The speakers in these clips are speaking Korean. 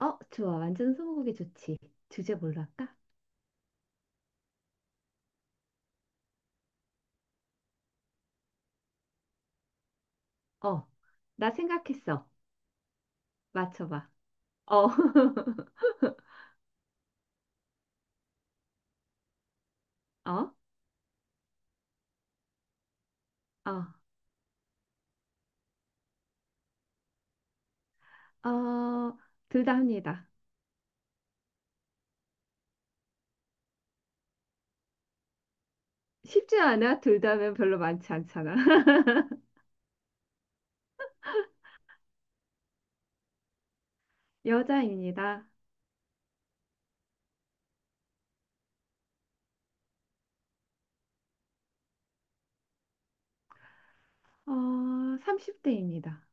좋아. 완전 스무고개 좋지. 주제 뭘로 할까? 어, 나 생각했어. 맞춰봐. 어, 어, 어, 어, 둘 다 합니다. 쉽지 않아. 둘 다면 별로 많지 않잖아. 여자입니다. 어, 30대입니다.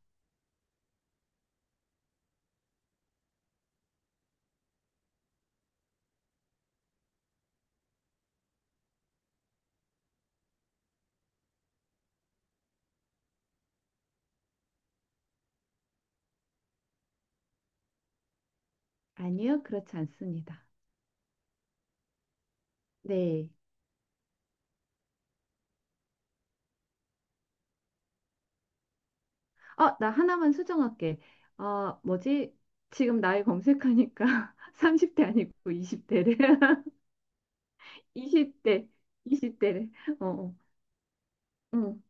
아니요, 그렇지 않습니다. 네. 나 하나만 수정할게. 뭐지? 지금 나이 검색하니까 30대 아니고 20대래. 20대, 20대래. 어, 음,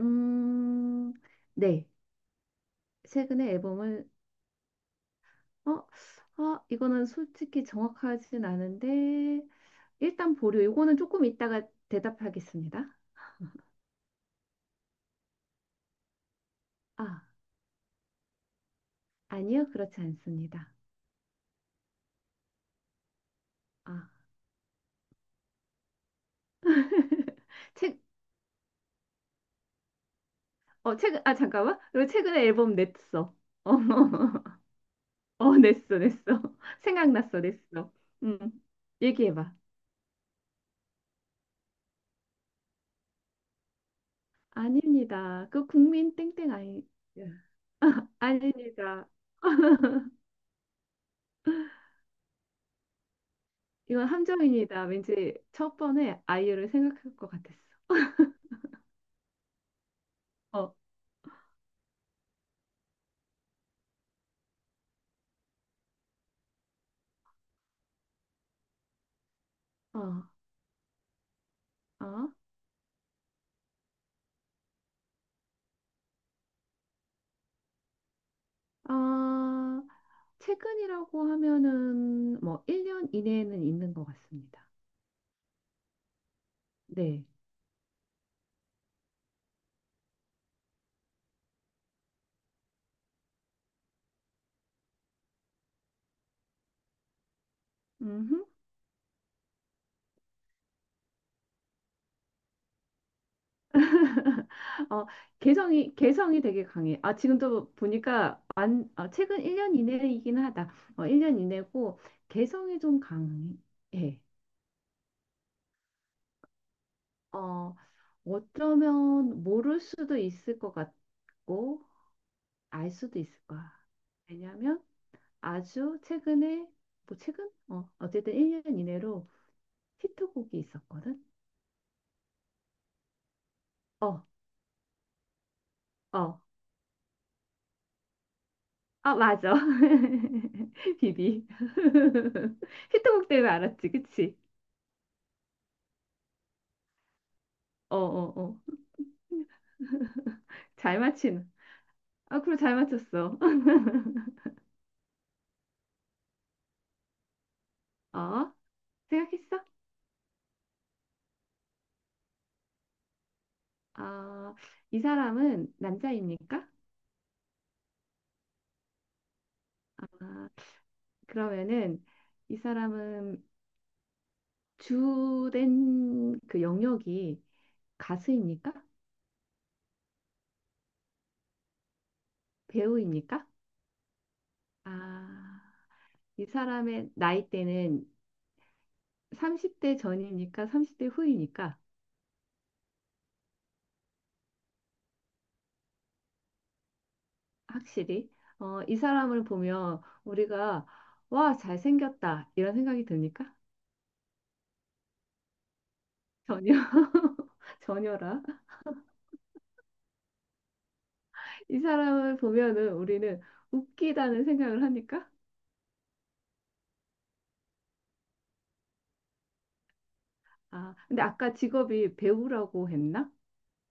음, 네. 최근에 앨범을, 어, 이거는 솔직히 정확하진 않은데, 일단 보류. 이거는 조금 이따가 대답하겠습니다. 아, 아니요. 그렇지 않습니다. 아, 최, 최근, 잠깐만. 그리고 최근에 앨범 냈어. 어, 냈어, 냈어. 생각났어, 냈어. 음, 얘기해봐. 아닙니다. 그 국민 땡땡 아니, 아닙니다. 이건 함정입니다. 왠지 첫 번에 아이유를 생각할 것 같았어. 어, 어, 어. 아, 최근이라고 하면은 뭐 1년 이내에는 있는 것 같습니다. 네. 음흠. 어, 개성이 되게 강해. 지금도 보니까 안, 아, 최근 1년 이내이긴 하다. 1년 이내고 개성이 좀 강해. 어, 어쩌면 모를 수도 있을 것 같고, 알 수도 있을 거야. 왜냐하면 아주 최근에 뭐 최근? 어쨌든 1년 이내로 히트곡이 있었거든. 어, 어. 맞아. 비비. 히트곡 때문에 알았지, 그치? 어, 어, 어. 잘 맞히는. 그럼 잘 맞췄어. 어, 생각했어? 아, 이 사람은 남자입니까? 아, 그러면은 이 사람은 주된 그 영역이 가수입니까? 배우입니까? 아, 이 사람의 나이대는 30대 전입니까? 30대 후입니까? 확실히. 이 사람을 보면 우리가 와, 잘생겼다, 이런 생각이 듭니까? 전혀. 전혀라. 이 사람을 보면은 우리는 웃기다는 생각을 하니까? 근데 아까 직업이 배우라고 했나?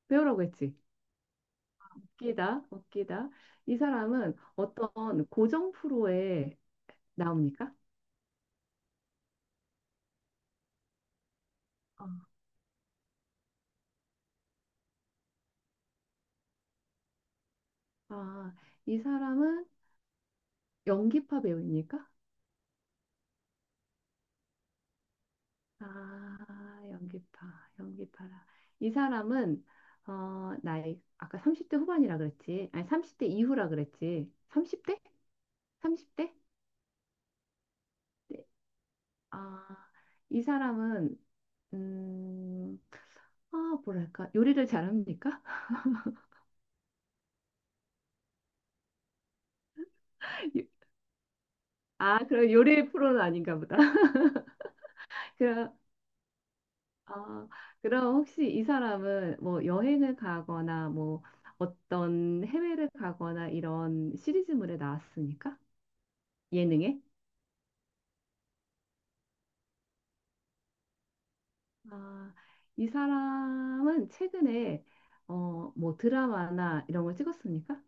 배우라고 했지. 웃기다, 웃기다. 이 사람은 어떤 고정 프로에 나옵니까? 아, 이 사람은 연기파 배우입니까? 아, 연기파, 연기파라. 이 사람은 나이 아까 30대 후반이라 그랬지. 아니, 30대 이후라 그랬지. 30대? 30대? 네. 아, 이 사람은 음, 아, 뭐랄까? 요리를 잘합니까? 요- 그럼 요리 프로는 아닌가 보다. 그럼 아, 혹시 이 사람은 뭐 여행을 가거나 뭐 어떤 해외를 가거나 이런 시리즈물에 나왔습니까? 예능에? 아, 이 사람은 최근에 뭐 드라마나 이런 걸 찍었습니까?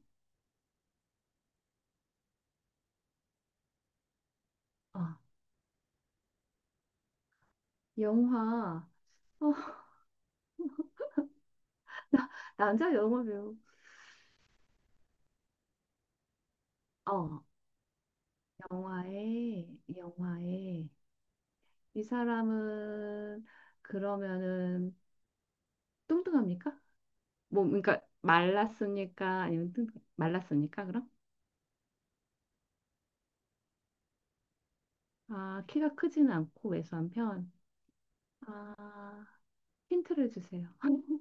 어, 영화, 어, 나, 남자 영화 배우, 어, 영화에, 영화에, 이 사람은 그러면은 뚱뚱합니까? 뭐 그러니까 말랐습니까 아니면 뜬- 말랐습니까 그럼? 키가 크지는 않고 왜소한 편. 아 힌트를 주세요.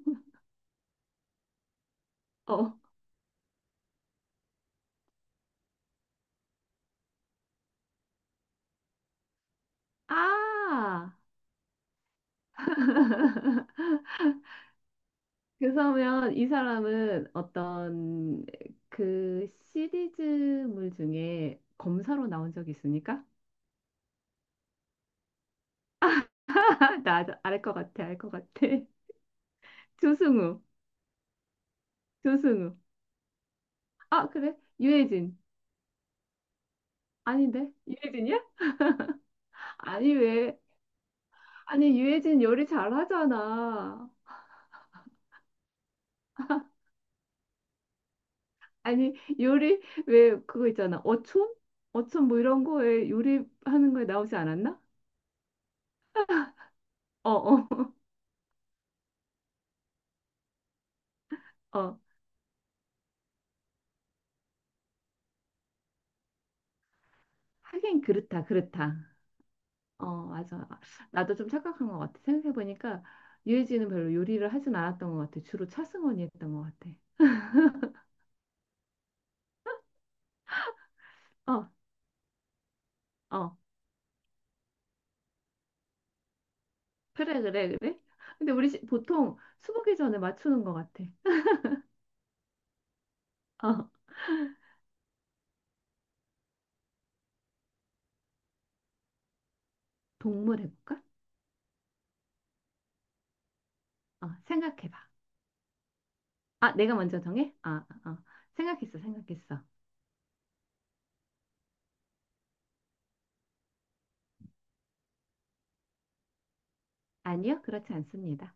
어. 아 그러면 이 사람은 어떤 그 시리즈물 중에 검사로 나온 적이 있습니까? 나 알 것 같아, 알 것 같아. 조승우. 조승우. 그래, 유해진. 아닌데, 유해진이야? 아니, 왜? 아니, 유해진 요리 잘하잖아. 아니, 요리. 왜, 그거 있잖아, 어촌. 어촌 뭐 이런 거에 요리하는 거에 나오지 않았나? 어어 어, 어. 어. 하긴 그렇다, 그렇다. 어, 맞아. 나도 좀 착각한 것 같아, 생각해 보니까 유해진은 별로 요리를 하진 않았던 것 같아. 주로 차승원이 했던 것 같아. 어, 어. 그래, 그래, 그래. 근데 우리 시- 보통 수보개 전에 맞추는 것 같아. 어, 동물 해볼까? 생각해봐. 내가 먼저 정해? 어, 어. 생각했어, 생각했어. 아니요, 그렇지 않습니다.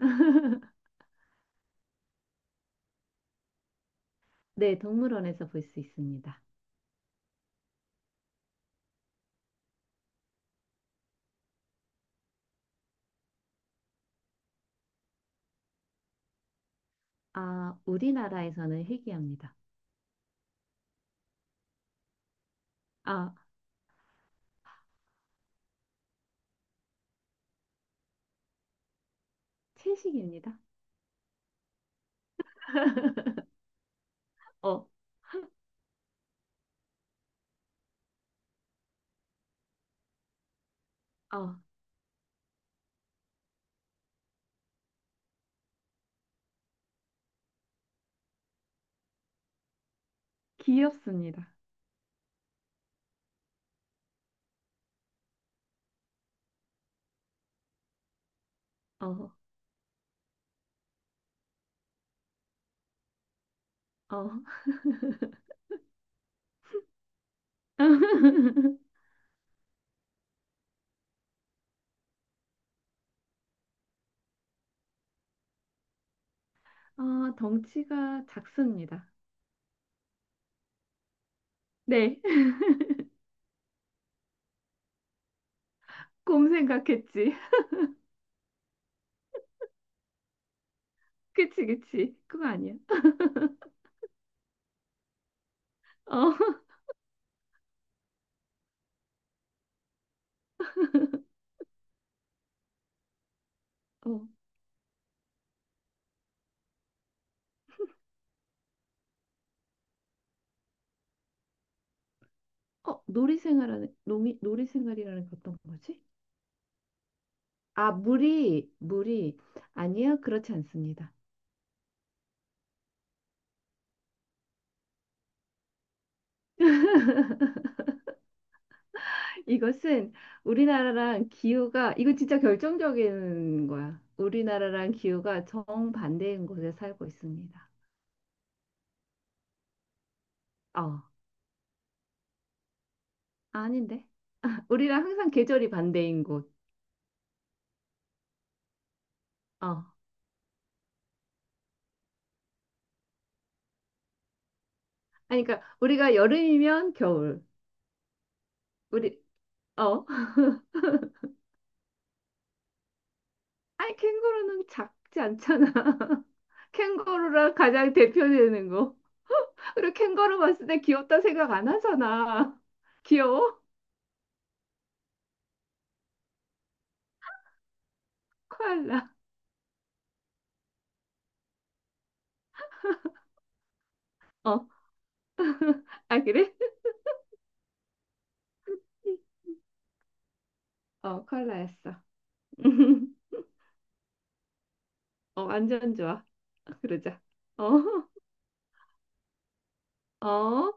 네, 동물원에서 볼 수 있습니다. 우리나라에서는 희귀합니다. 아, 채식입니다. 어, 어, 귀엽습니다. 어, 어. 아, 덩치가 작습니다. 네, 곰 생각했지. 그치, 그치. 그거 아니야. 어, 어, 놀이 생활이라는 게 어떤 거지? 물이, 물이. 아니요, 그렇지 않습니다. 이것은 우리나라랑 기후가, 이건 진짜 결정적인 거야, 우리나라랑 기후가 정반대인 곳에 살고 있습니다. 어, 아닌데? 우리랑 항상 계절이 반대인 곳. 어. 아니, 그러니까 우리가 여름이면 겨울. 우리, 어. 아니, 캥거루는 작지 않잖아. 캥거루랑 가장 대표되는 거. 그리고 캥거루 봤을 때 귀엽다 생각 안 하잖아. 귀여워? 코알라. 어. 그래? 코알라였어. 완전 좋아. 그러자. 어, 어.